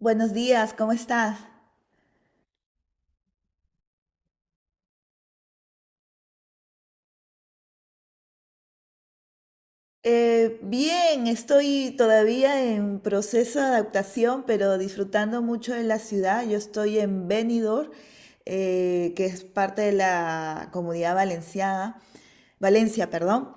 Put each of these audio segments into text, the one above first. Buenos días, ¿cómo estás? Bien, estoy todavía en proceso de adaptación, pero disfrutando mucho de la ciudad. Yo estoy en Benidorm, que es parte de la Comunidad Valenciana, Valencia, perdón.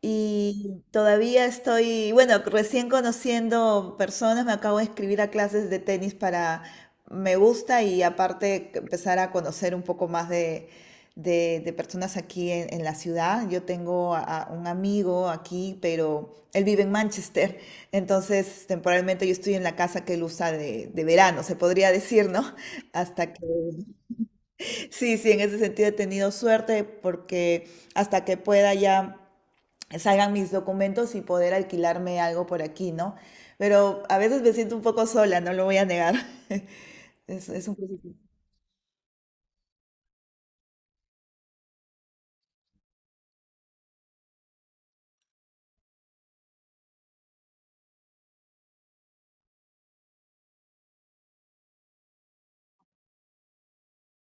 Y todavía estoy, bueno, recién conociendo personas, me acabo de inscribir a clases de tenis para, me gusta y aparte que empezar a conocer un poco más de, de personas aquí en la ciudad. Yo tengo a un amigo aquí, pero él vive en Manchester, entonces temporalmente yo estoy en la casa que él usa de verano, se podría decir, ¿no? Hasta que, sí, sí, en ese sentido he tenido suerte porque hasta que pueda ya salgan mis documentos y poder alquilarme algo por aquí, ¿no? Pero a veces me siento un poco sola, no lo voy a negar. Es un proceso.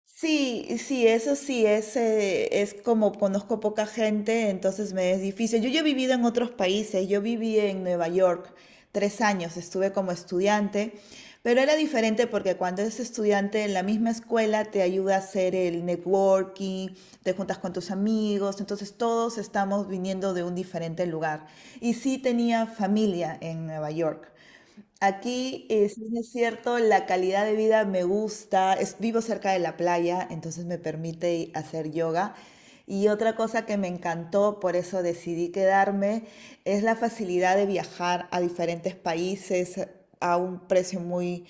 Sí, sí, eso sí, es como conozco poca gente, entonces me es difícil. Yo he vivido en otros países, yo viví en Nueva York 3 años, estuve como estudiante, pero era diferente porque cuando eres estudiante en la misma escuela te ayuda a hacer el networking, te juntas con tus amigos, entonces todos estamos viniendo de un diferente lugar. Y sí tenía familia en Nueva York. Aquí, si bien es cierto, la calidad de vida me gusta. Es- vivo cerca de la playa, entonces me permite hacer yoga. Y otra cosa que me encantó, por eso decidí quedarme, es la facilidad de viajar a diferentes países a un precio muy,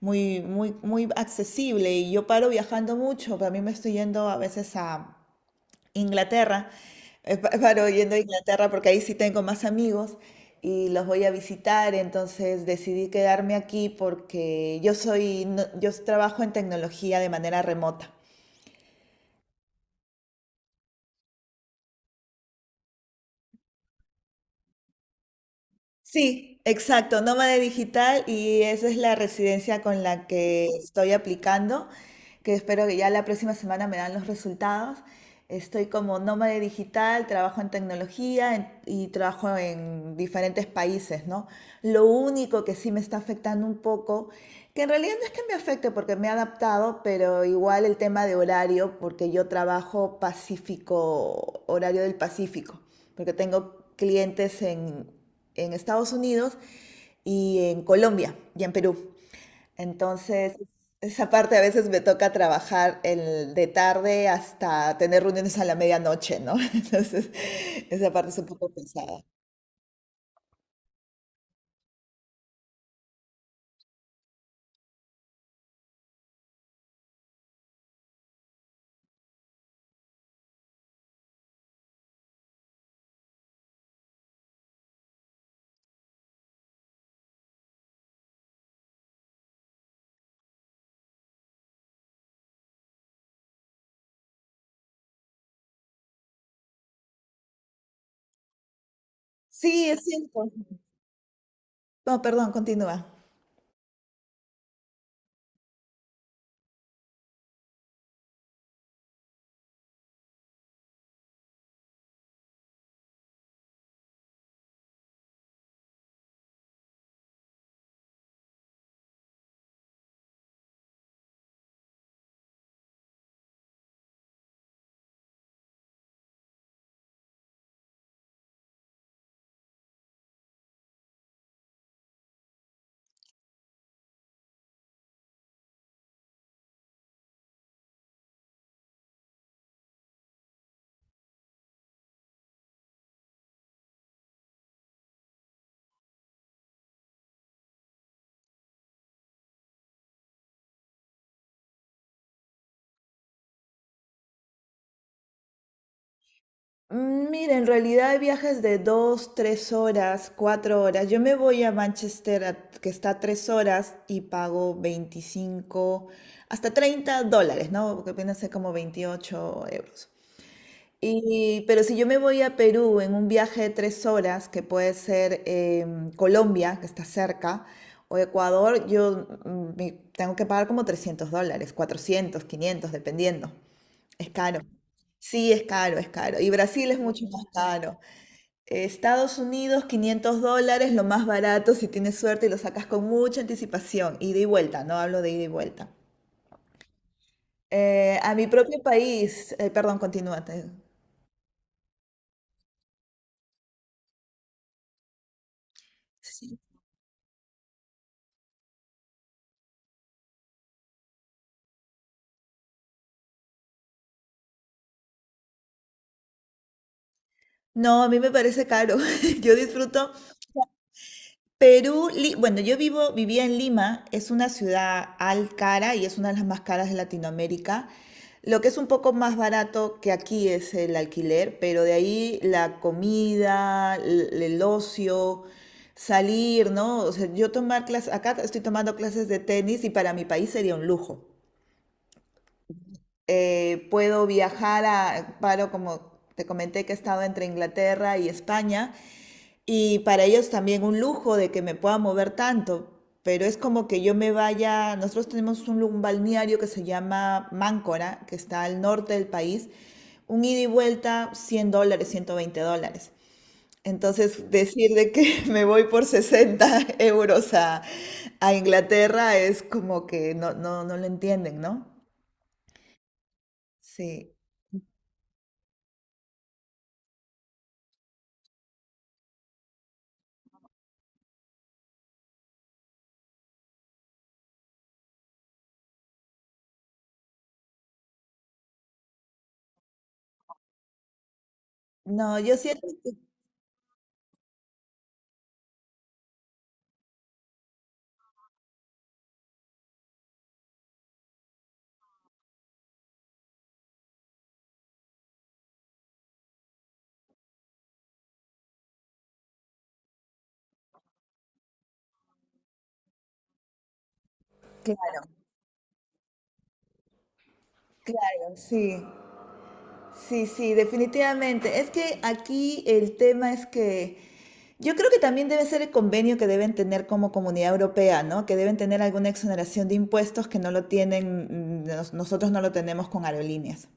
muy, muy, muy accesible. Y yo paro viajando mucho, pero a mí me estoy yendo a veces a Inglaterra, paro yendo a Inglaterra porque ahí sí tengo más amigos y los voy a visitar, entonces decidí quedarme aquí porque yo soy, no- yo trabajo en tecnología de manera remota. Sí, exacto, nómada digital y esa es la residencia con la que estoy aplicando, que espero que ya la próxima semana me dan los resultados. Estoy como nómade digital, trabajo en tecnología en- y trabajo en diferentes países, ¿no? Lo único que sí me está afectando un poco, que en realidad no es que me afecte porque me he adaptado, pero igual el tema de horario, porque yo trabajo Pacífico, horario del Pacífico, porque tengo clientes en Estados Unidos y en Colombia y en Perú. Entonces, esa parte a veces me toca trabajar el, de tarde hasta tener reuniones a la medianoche, ¿no? Entonces, esa parte es un poco pesada. Sí, es cierto. No, perdón, continúa. Mira, en realidad hay viajes de dos, 3 horas, 4 horas. Yo me voy a Manchester, a- que está a 3 horas, y pago 25 hasta 30 dólares, ¿no? Que viene a ser como 28 euros. Y, pero si yo me voy a Perú en un viaje de 3 horas, que puede ser Colombia, que está cerca, o Ecuador, yo tengo que pagar como 300 dólares, 400 500 dependiendo. Es caro. Sí, es caro, es caro. Y Brasil es mucho más caro. Estados Unidos, 500 dólares, lo más barato si tienes suerte y lo sacas con mucha anticipación. Ida y vuelta, no hablo de ida y vuelta. A mi propio país, perdón, continúa. Te- sí. No, a mí me parece caro. Yo disfruto Perú. Li- bueno, yo vivo, vivía en Lima, es una ciudad al cara y es una de las más caras de Latinoamérica. Lo que es un poco más barato que aquí es el alquiler, pero de ahí la comida, el ocio, salir, ¿no? O sea, yo tomar clases, acá estoy tomando clases de tenis y para mi país sería un lujo. Puedo viajar a, paro como te comenté que he estado entre Inglaterra y España. Y para ellos también un lujo de que me pueda mover tanto, pero es como que yo me vaya, nosotros tenemos un, lu- un balneario que se llama Máncora, que está al norte del país, un ida y vuelta 100 dólares, 120 dólares. Entonces, decir de que me voy por 60 euros a Inglaterra es como que no, no, no lo entienden, ¿no? Sí. No, yo siento que, claro, claro, sí. Sí, sí, definitivamente. Es que aquí el tema es que yo creo que también debe ser el convenio que deben tener como Comunidad Europea, ¿no? Que deben tener alguna exoneración de impuestos que no lo tienen, nosotros no lo tenemos con aerolíneas.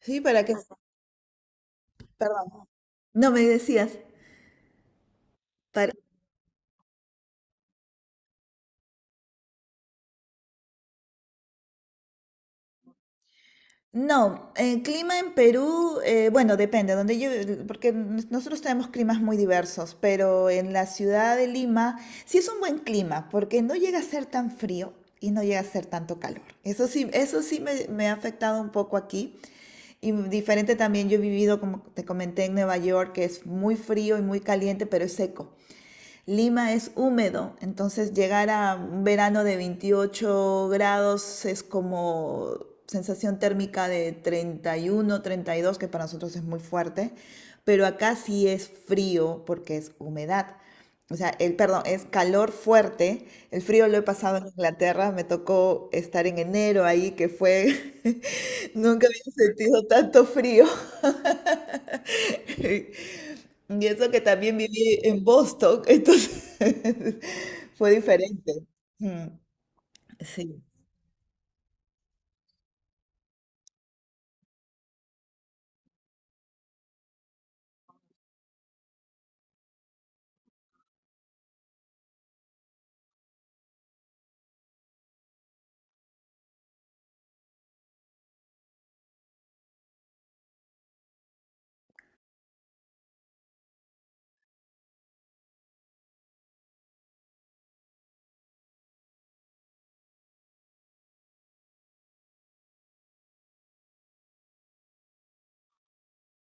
Sí, para que, perdón. No me decías. No, el clima en Perú, bueno, depende, donde yo, porque n- nosotros tenemos climas muy diversos, pero en la ciudad de Lima sí es un buen clima, porque no llega a ser tan frío y no llega a ser tanto calor. Eso sí me ha afectado un poco aquí. Y diferente también, yo he vivido, como te comenté, en Nueva York, que es muy frío y muy caliente, pero es seco. Lima es húmedo, entonces llegar a un verano de 28 grados es como sensación térmica de 30 31, 32, que para nosotros es muy fuerte, pero acá sí es frío porque es humedad. O sea, el, perdón, es calor fuerte. El frío lo he pasado en Inglaterra, me tocó estar en enero ahí, que fue, nunca había sentido tanto frío. Y eso que también viví en Boston, entonces fue diferente. Mm, Sí.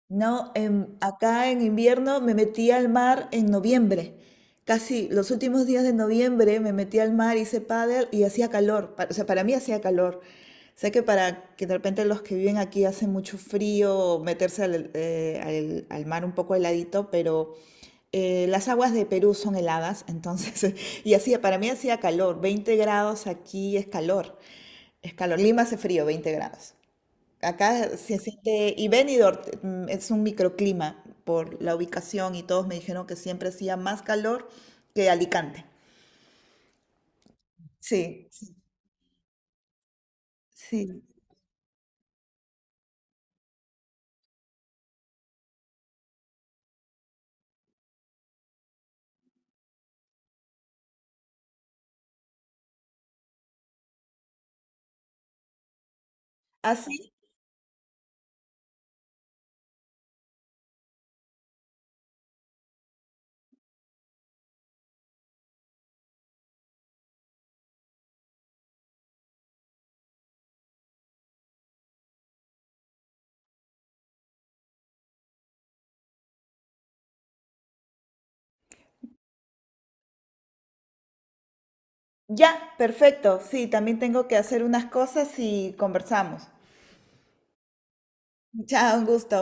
No, acá en invierno me metí al mar en noviembre. Casi los últimos días de noviembre me metí al mar, hice pádel y hacía calor. Pa- O sea, para mí hacía calor. Sé que para que de repente los que viven aquí hace mucho frío meterse al, al mar un poco heladito, pero las aguas de Perú son heladas, entonces, y hacía, para mí hacía calor. 20 grados aquí es calor. Es calor. Lima hace frío, 20 grados. Acá se siente, y Benidorm es un microclima por la ubicación y todos me dijeron que siempre hacía más calor que Alicante. Sí, sí. Sí. Así, ya, perfecto. Sí, también tengo que hacer unas cosas y conversamos. Chao, un gusto.